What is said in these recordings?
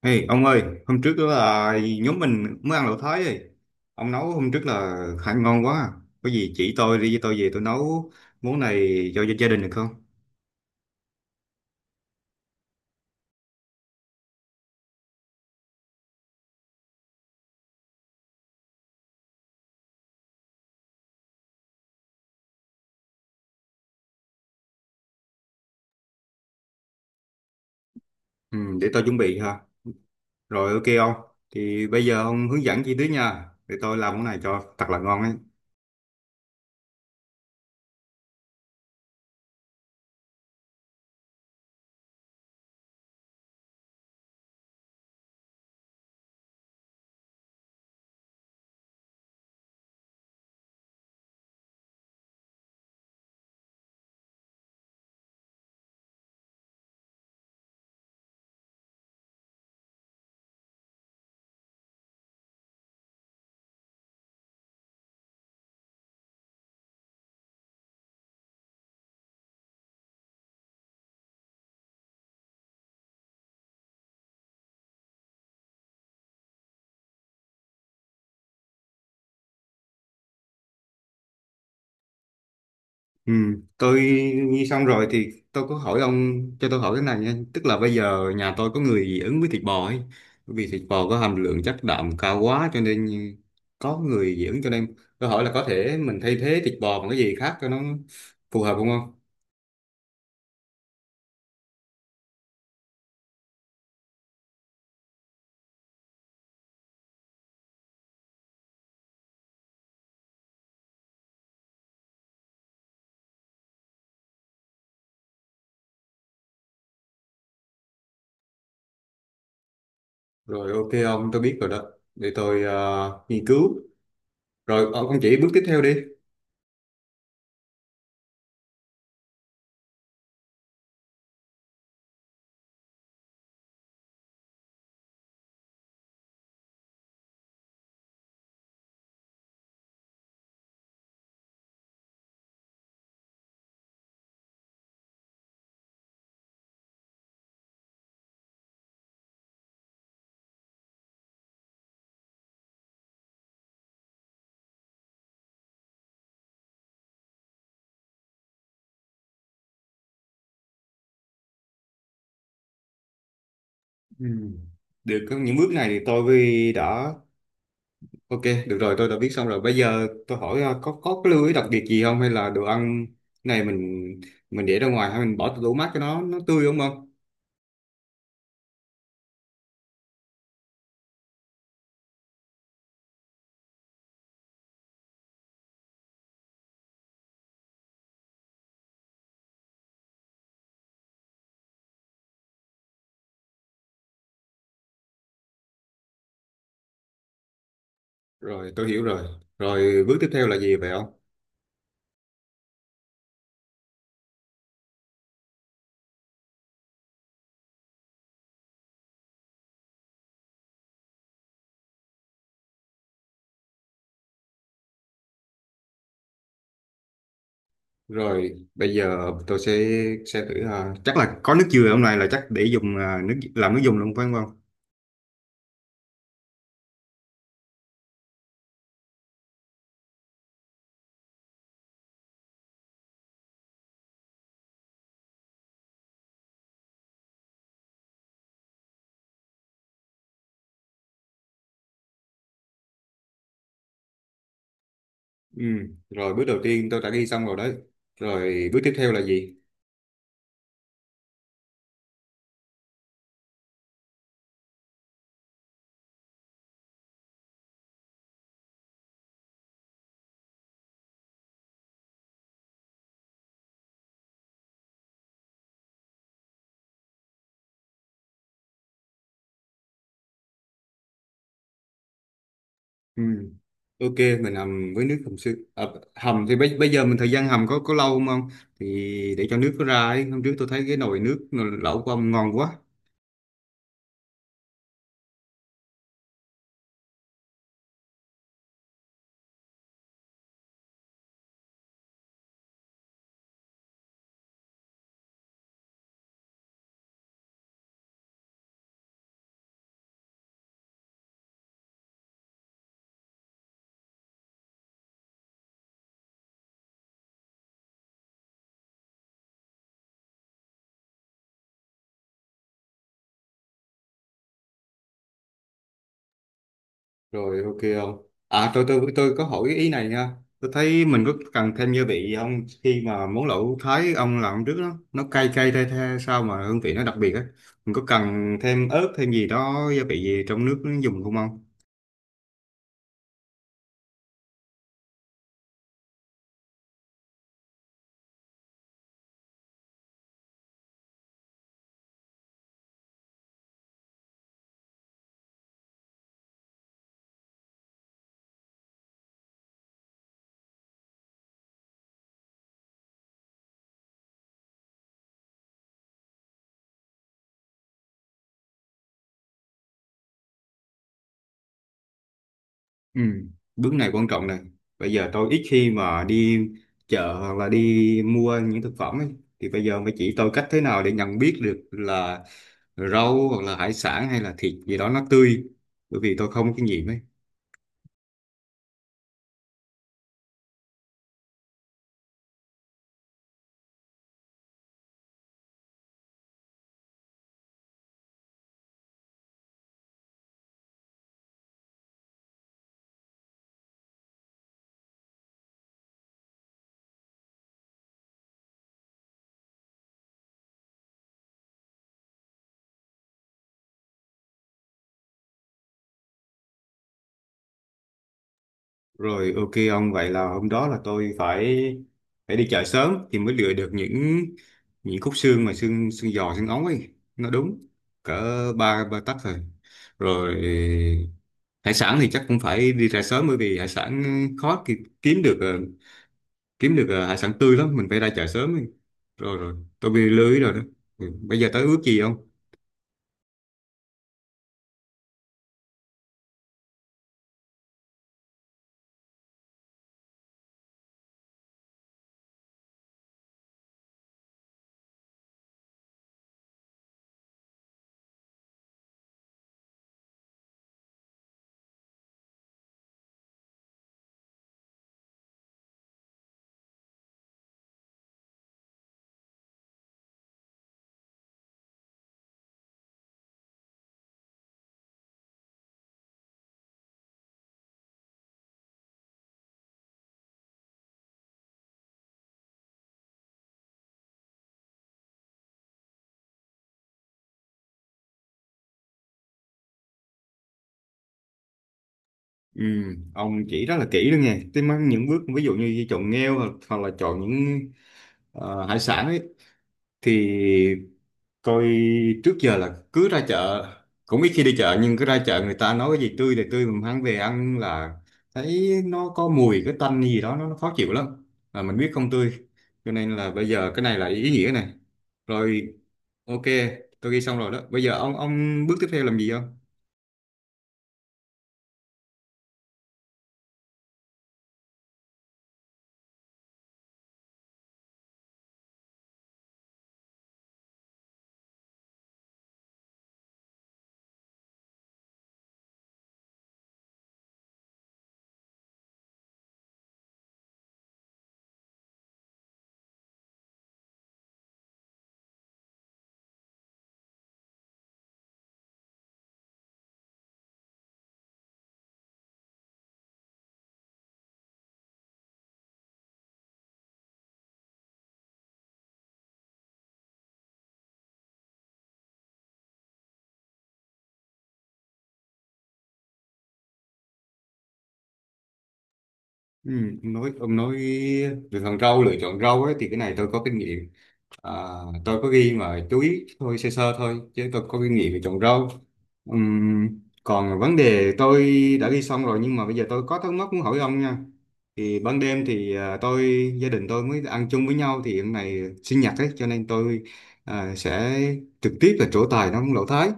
Ê, ông ơi, hôm trước là nhóm mình mới ăn lẩu Thái ấy. Ông nấu hôm trước là khá ngon quá. Có gì chỉ tôi đi với tôi về tôi nấu món này cho gia đình được không? Ừ, để tôi chuẩn bị ha. Rồi ok ông. Thì bây giờ ông hướng dẫn chi tiết nha. Để tôi làm món này cho thật là ngon ấy. Ừ, tôi nghe xong rồi thì tôi có hỏi ông, cho tôi hỏi thế này nha, tức là bây giờ nhà tôi có người dị ứng với thịt bò ấy, bởi vì thịt bò có hàm lượng chất đạm cao quá cho nên có người dị ứng, cho nên tôi hỏi là có thể mình thay thế thịt bò bằng cái gì khác cho nó phù hợp không không Rồi ok ông, tôi biết rồi đó. Để tôi nghiên cứu. Rồi ông chỉ bước tiếp theo đi. Ừ. được có những bước này thì tôi đã Ok, được rồi, tôi đã biết xong rồi. Bây giờ tôi hỏi có cái lưu ý đặc biệt gì không, hay là đồ ăn này mình để ra ngoài hay mình bỏ tủ mát cho nó tươi đúng không? Rồi, tôi hiểu rồi. Rồi bước tiếp theo là gì vậy không? Rồi, bây giờ tôi sẽ thử, chắc là có nước dừa hôm nay là chắc để dùng nước làm nước dùng luôn phải không? Ừ, rồi bước đầu tiên tôi đã ghi xong rồi đấy. Rồi bước tiếp theo là gì? Ừ. Ok, mình hầm với nước hầm xương. À, hầm thì bây giờ mình thời gian hầm có lâu không không? Thì để cho nước nó ra ấy. Hôm trước tôi thấy cái nồi nước lẩu của ông ngon quá. Rồi ok không? À, tôi có hỏi ý này nha. Tôi thấy mình có cần thêm gia vị không, khi mà món lẩu Thái ông làm trước đó nó cay cay the the sao mà hương vị nó đặc biệt á. Mình có cần thêm ớt thêm gì đó gia vị gì trong nước nó dùng không không? Ừ, bước này quan trọng này. Bây giờ tôi ít khi mà đi chợ hoặc là đi mua những thực phẩm ấy. Thì bây giờ mới chỉ tôi cách thế nào để nhận biết được là rau hoặc là hải sản hay là thịt gì đó nó tươi. Bởi vì tôi không có kinh nghiệm ấy. Rồi ok ông, vậy là hôm đó là tôi phải phải đi chợ sớm thì mới lựa được những khúc xương mà xương xương giò xương ống ấy. Nó đúng cỡ ba 3 tấc rồi. Rồi hải sản thì chắc cũng phải đi ra sớm, bởi vì hải sản khó kiếm được kiếm được hải sản tươi lắm, mình phải ra chợ sớm ấy. Rồi rồi tôi bị lưới rồi đó. Ừ. Bây giờ tới ước gì không. Ừ. Ông chỉ rất là kỹ luôn nha, tôi mang những bước ví dụ như chọn nghêu hoặc là chọn những hải sản ấy, thì tôi trước giờ là cứ ra chợ, cũng ít khi đi chợ, nhưng cứ ra chợ người ta nói cái gì tươi thì tươi, mình mang về ăn là thấy nó có mùi cái tanh gì đó nó khó chịu lắm, là mình biết không tươi, cho nên là bây giờ cái này là ý nghĩa này. Rồi, ok, tôi ghi xong rồi đó. Bây giờ ông bước tiếp theo làm gì không? Ừ, ông nói lựa chọn rau ấy, thì cái này tôi có kinh nghiệm. À, tôi có ghi mà chú ý thôi, sơ sơ thôi, chứ tôi có kinh nghiệm về chọn rau. Ừm, còn vấn đề tôi đã ghi xong rồi, nhưng mà bây giờ tôi có thắc mắc muốn hỏi ông nha. Thì ban đêm thì à, tôi gia đình tôi mới ăn chung với nhau, thì hôm nay sinh nhật ấy, cho nên tôi à, sẽ trực tiếp là trổ tài nấu lẩu Thái.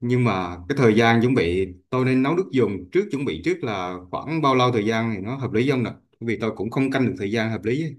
Nhưng mà cái thời gian chuẩn bị tôi nên nấu nước dùng trước, chuẩn bị trước là khoảng bao lâu thời gian thì nó hợp lý không nè? Bởi vì tôi cũng không canh được thời gian hợp lý ấy.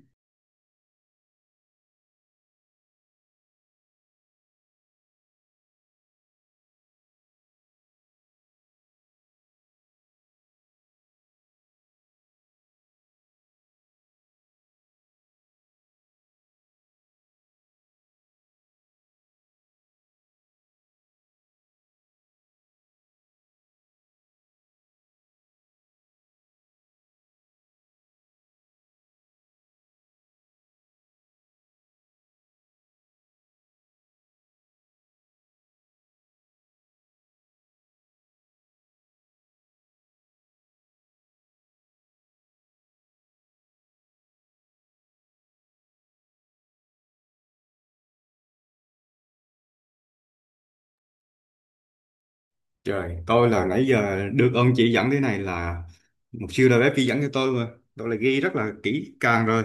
Trời, tôi là nãy giờ được ông chỉ dẫn thế này là một siêu đầu bếp chỉ dẫn cho tôi mà. Tôi là ghi rất là kỹ càng rồi.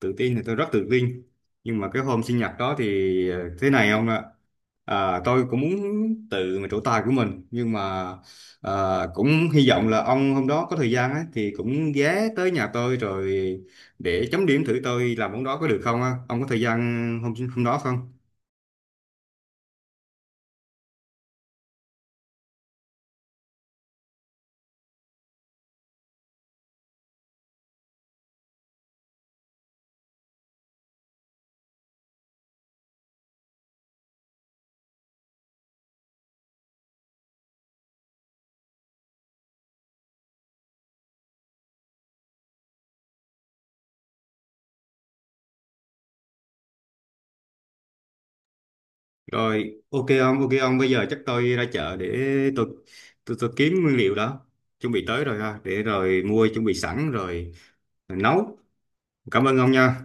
Tự tin thì tôi rất tự tin. Nhưng mà cái hôm sinh nhật đó thì ờ, thế này ông ạ. À, tôi cũng muốn tự mà trổ tài của mình. Nhưng mà cũng hy vọng là ông hôm đó có thời gian ấy, thì cũng ghé tới nhà tôi rồi để chấm điểm thử tôi làm món đó có được không á. Ông có thời gian hôm hôm đó không? Rồi, ok ông, bây giờ chắc tôi ra chợ để tôi tôi kiếm nguyên liệu đó. Chuẩn bị tới rồi ha, để rồi mua chuẩn bị sẵn rồi, rồi nấu. Cảm ơn ông nha.